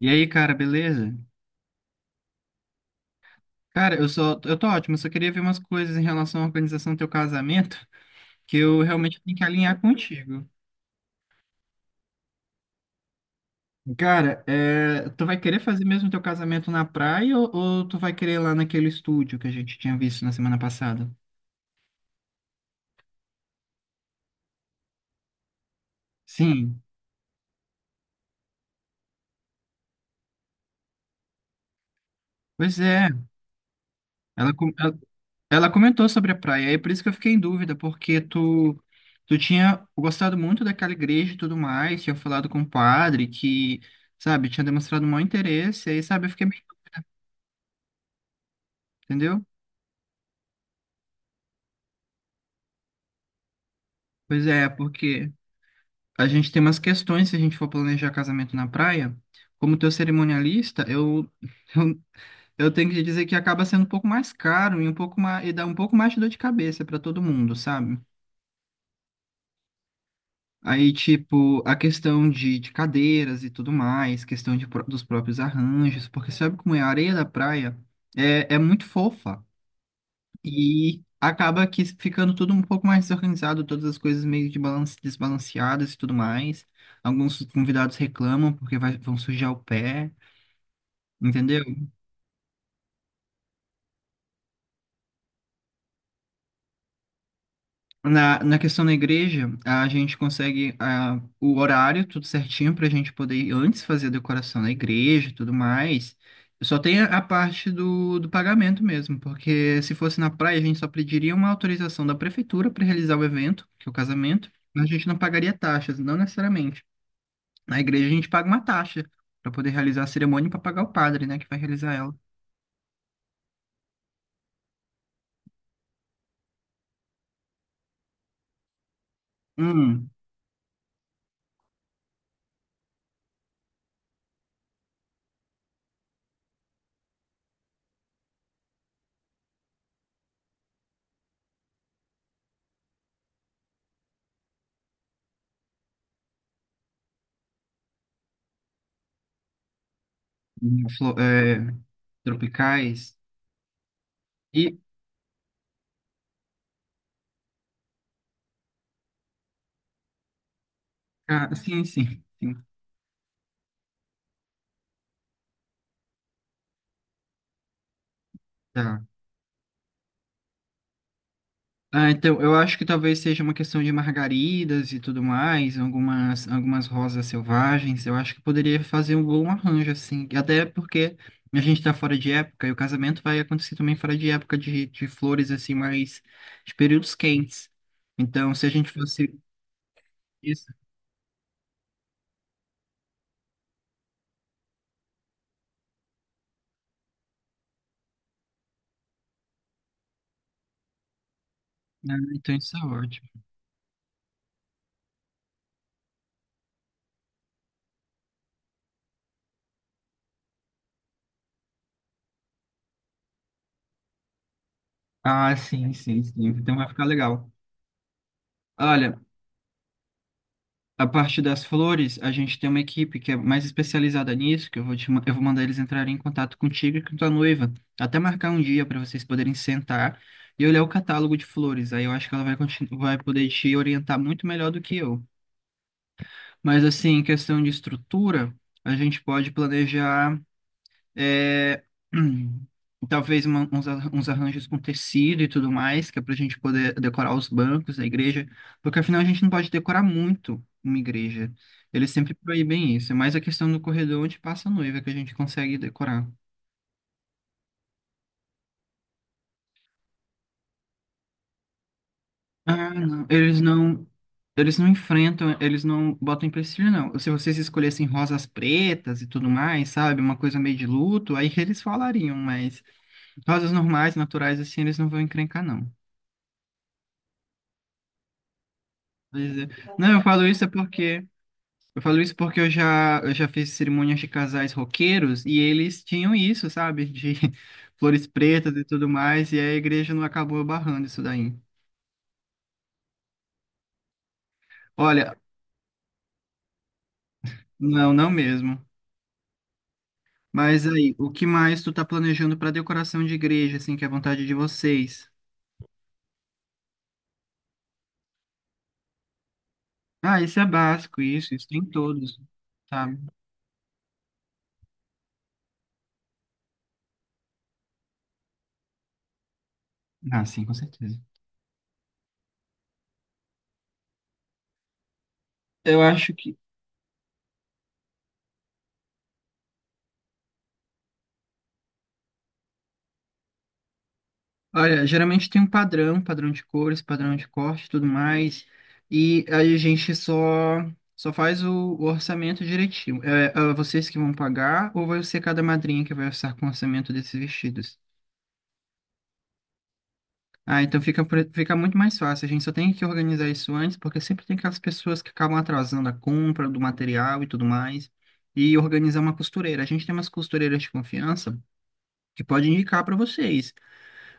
E aí, cara, beleza? Cara, eu tô ótimo, eu só queria ver umas coisas em relação à organização do teu casamento, que eu realmente tenho que alinhar contigo. Cara, tu vai querer fazer mesmo teu casamento na praia ou tu vai querer ir lá naquele estúdio que a gente tinha visto na semana passada? Sim, pois é. Ela, com- ela, ela comentou sobre a praia, e é por isso que eu fiquei em dúvida, porque tu tinha gostado muito daquela igreja e tudo mais, tinha falado com o padre que, sabe, tinha demonstrado um mau interesse, aí, sabe, eu fiquei meio, entendeu? Pois é, porque a gente tem umas questões se a gente for planejar casamento na praia. Como teu cerimonialista, eu, eu tenho que dizer que acaba sendo um pouco mais caro e um pouco mais, e dá um pouco mais de dor de cabeça para todo mundo, sabe? Aí, tipo, a questão de cadeiras e tudo mais, questão dos próprios arranjos, porque sabe como é? A areia da praia é muito fofa. E acaba que ficando tudo um pouco mais desorganizado, todas as coisas meio de balance, desbalanceadas e tudo mais. Alguns convidados reclamam porque vão sujar o pé, entendeu? Na questão da igreja, a gente consegue o horário tudo certinho para a gente poder ir antes fazer a decoração da igreja e tudo mais. Só tem a parte do pagamento mesmo, porque se fosse na praia, a gente só pediria uma autorização da prefeitura para realizar o evento, que é o casamento. A gente não pagaria taxas, não necessariamente. Na igreja a gente paga uma taxa para poder realizar a cerimônia e para pagar o padre, né, que vai realizar ela. Hum. flo- é, Tropicais. E sim, sim, sim. Tá. Ah, então eu acho que talvez seja uma questão de margaridas e tudo mais, algumas rosas selvagens. Eu acho que poderia fazer um bom arranjo assim, e até porque a gente está fora de época e o casamento vai acontecer também fora de época de flores assim mais de períodos quentes. Então, se a gente fosse. Ah, então isso é ótimo. Ah, sim, sim, sim. Então vai ficar legal. Olha, a parte das flores, a gente tem uma equipe que é mais especializada nisso, que eu vou mandar eles entrarem em contato contigo e com tua noiva. Até marcar um dia para vocês poderem sentar e olhar o catálogo de flores. Aí eu acho que ela vai poder te orientar muito melhor do que eu. Mas assim, em questão de estrutura, a gente pode planejar. É, hum, talvez uns arranjos com tecido e tudo mais, que é para a gente poder decorar os bancos da igreja, porque afinal a gente não pode decorar muito uma igreja. Eles sempre proíbem isso, é mais a questão do corredor onde passa a noiva que a gente consegue decorar. Ah, não, eles não. Eles não enfrentam, eles não botam empecilho, não. Se vocês escolhessem rosas pretas e tudo mais, sabe? Uma coisa meio de luto, aí eles falariam, mas rosas normais, naturais, assim, eles não vão encrencar, não. Pois é. Não, eu falo isso porque eu já fiz cerimônias de casais roqueiros e eles tinham isso, sabe? De flores pretas e tudo mais, e a igreja não acabou barrando isso daí. Olha, não, não mesmo. Mas aí, o que mais tu tá planejando para decoração de igreja, assim, que é a vontade de vocês? Ah, isso é básico, isso tem todos, sabe? Ah, sim, com certeza. Eu acho que olha, geralmente tem um padrão, padrão de cores, padrão de corte, e tudo mais, e aí a gente só faz o orçamento direitinho. É vocês que vão pagar ou vai ser cada madrinha que vai orçar com o orçamento desses vestidos? Ah, então fica muito mais fácil. A gente só tem que organizar isso antes, porque sempre tem aquelas pessoas que acabam atrasando a compra do material e tudo mais, e organizar uma costureira. A gente tem umas costureiras de confiança que pode indicar para vocês.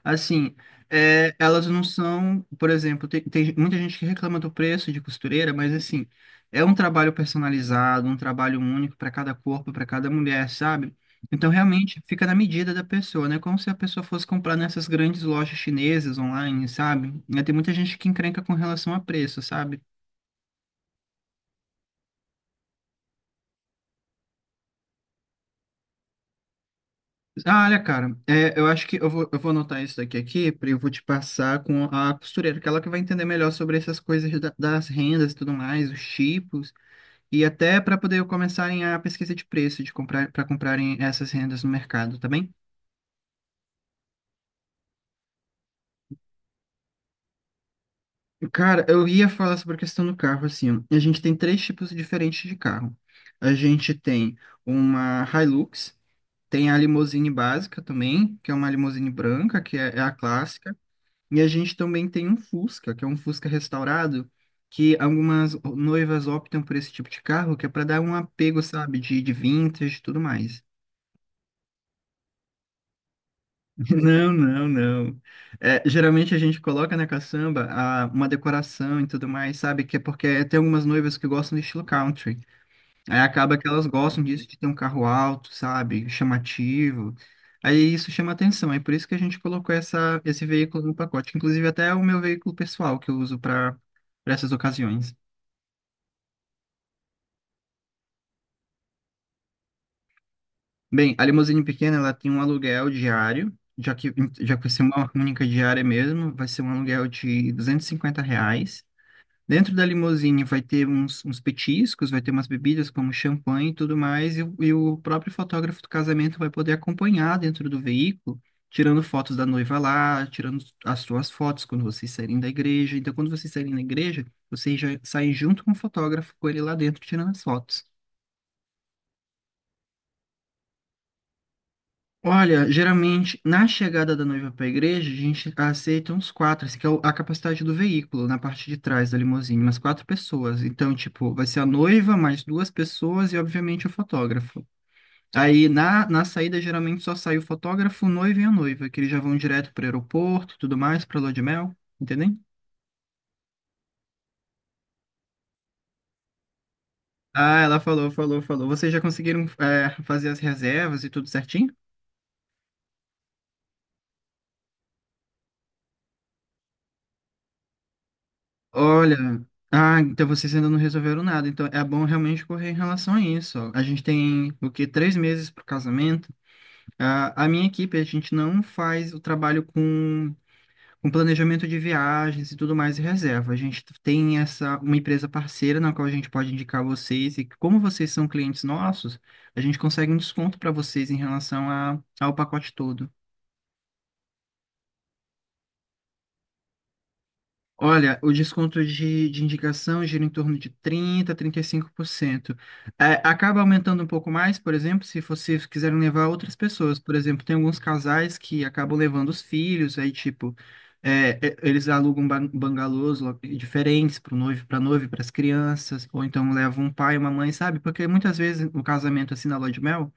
Assim, elas não são, por exemplo, tem muita gente que reclama do preço de costureira, mas assim, é um trabalho personalizado, um trabalho único para cada corpo, para cada mulher, sabe? Então realmente fica na medida da pessoa, né? Como se a pessoa fosse comprar nessas grandes lojas chinesas online, sabe? Né, tem muita gente que encrenca com relação a preço, sabe? Ah, olha, cara, eu acho que eu vou anotar isso daqui aqui, eu vou te passar com a costureira, que ela que vai entender melhor sobre essas coisas das rendas e tudo mais, os tipos. E até para poder começarem a pesquisa de preço de comprar para comprarem essas rendas no mercado, tá bem? Cara, eu ia falar sobre a questão do carro assim. A gente tem três tipos diferentes de carro. A gente tem uma Hilux, tem a limousine básica também, que é uma limousine branca, que é a clássica, e a gente também tem um Fusca, que é um Fusca restaurado, que algumas noivas optam por esse tipo de carro, que é para dar um apego, sabe, de vintage e tudo mais. Não, não, não. É, geralmente a gente coloca na caçamba uma decoração e tudo mais, sabe? Que é porque tem algumas noivas que gostam do estilo country. Aí acaba que elas gostam disso, de ter um carro alto, sabe? Chamativo. Aí isso chama atenção. É por isso que a gente colocou esse veículo no pacote. Inclusive até é o meu veículo pessoal que eu uso para essas ocasiões. Bem, a limusine pequena, ela tem um aluguel diário. Já que vai ser uma única diária mesmo, vai ser um aluguel de R$ 250 reais. Dentro da limusine vai ter uns petiscos, vai ter umas bebidas como champanhe e tudo mais, e o próprio fotógrafo do casamento vai poder acompanhar dentro do veículo, tirando fotos da noiva lá, tirando as suas fotos quando vocês saírem da igreja. Então, quando vocês saírem da igreja, vocês já saem junto com o fotógrafo, com ele lá dentro, tirando as fotos. Olha, geralmente na chegada da noiva para a igreja, a gente aceita uns quatro, assim, que é a capacidade do veículo, na parte de trás da limusine, umas quatro pessoas. Então, tipo, vai ser a noiva, mais duas pessoas e, obviamente, o fotógrafo. Aí na saída, geralmente só sai o fotógrafo, o noivo e a noiva, que eles já vão direto para o aeroporto e tudo mais, para lua de mel, entendeu? Ah, ela falou, falou, falou. Vocês já conseguiram, fazer as reservas e tudo certinho? Olha, então vocês ainda não resolveram nada, então é bom realmente correr em relação a isso. Ó. A gente tem o quê? 3 meses para o casamento. Ah, a minha equipe, a gente não faz o trabalho com planejamento de viagens e tudo mais e reserva. A gente tem essa uma empresa parceira na qual a gente pode indicar vocês, e como vocês são clientes nossos, a gente consegue um desconto para vocês em relação ao pacote todo. Olha, o desconto de indicação gira em torno de 30, 35%. É, acaba aumentando um pouco mais, por exemplo, se vocês quiserem levar outras pessoas. Por exemplo, tem alguns casais que acabam levando os filhos, aí, tipo, eles alugam bangalôs diferentes para o noivo, para noiva e para as crianças, ou então levam um pai e uma mãe, sabe? Porque muitas vezes o casamento, é assim, na lua de mel,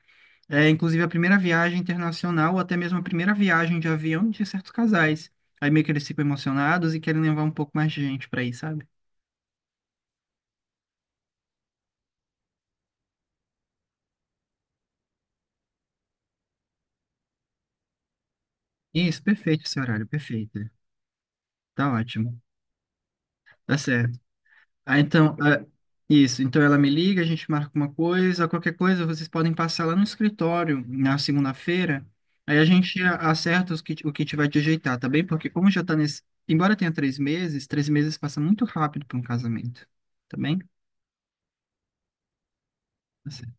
inclusive a primeira viagem internacional, ou até mesmo a primeira viagem de avião de certos casais. Aí meio que eles ficam emocionados e querem levar um pouco mais de gente para aí sabe? Isso, perfeito esse horário, perfeito. Tá ótimo. Tá certo. Ah, então, isso. Então ela me liga, a gente marca uma coisa, qualquer coisa, vocês podem passar lá no escritório na segunda-feira. Aí a gente acerta o que tiver de ajeitar, tá bem? Porque como já tá nesse. Embora tenha 3 meses, 3 meses passa muito rápido para um casamento, tá bem? Tá certo.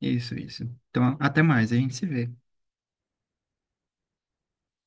Isso, isso. Então, até mais, a gente se vê.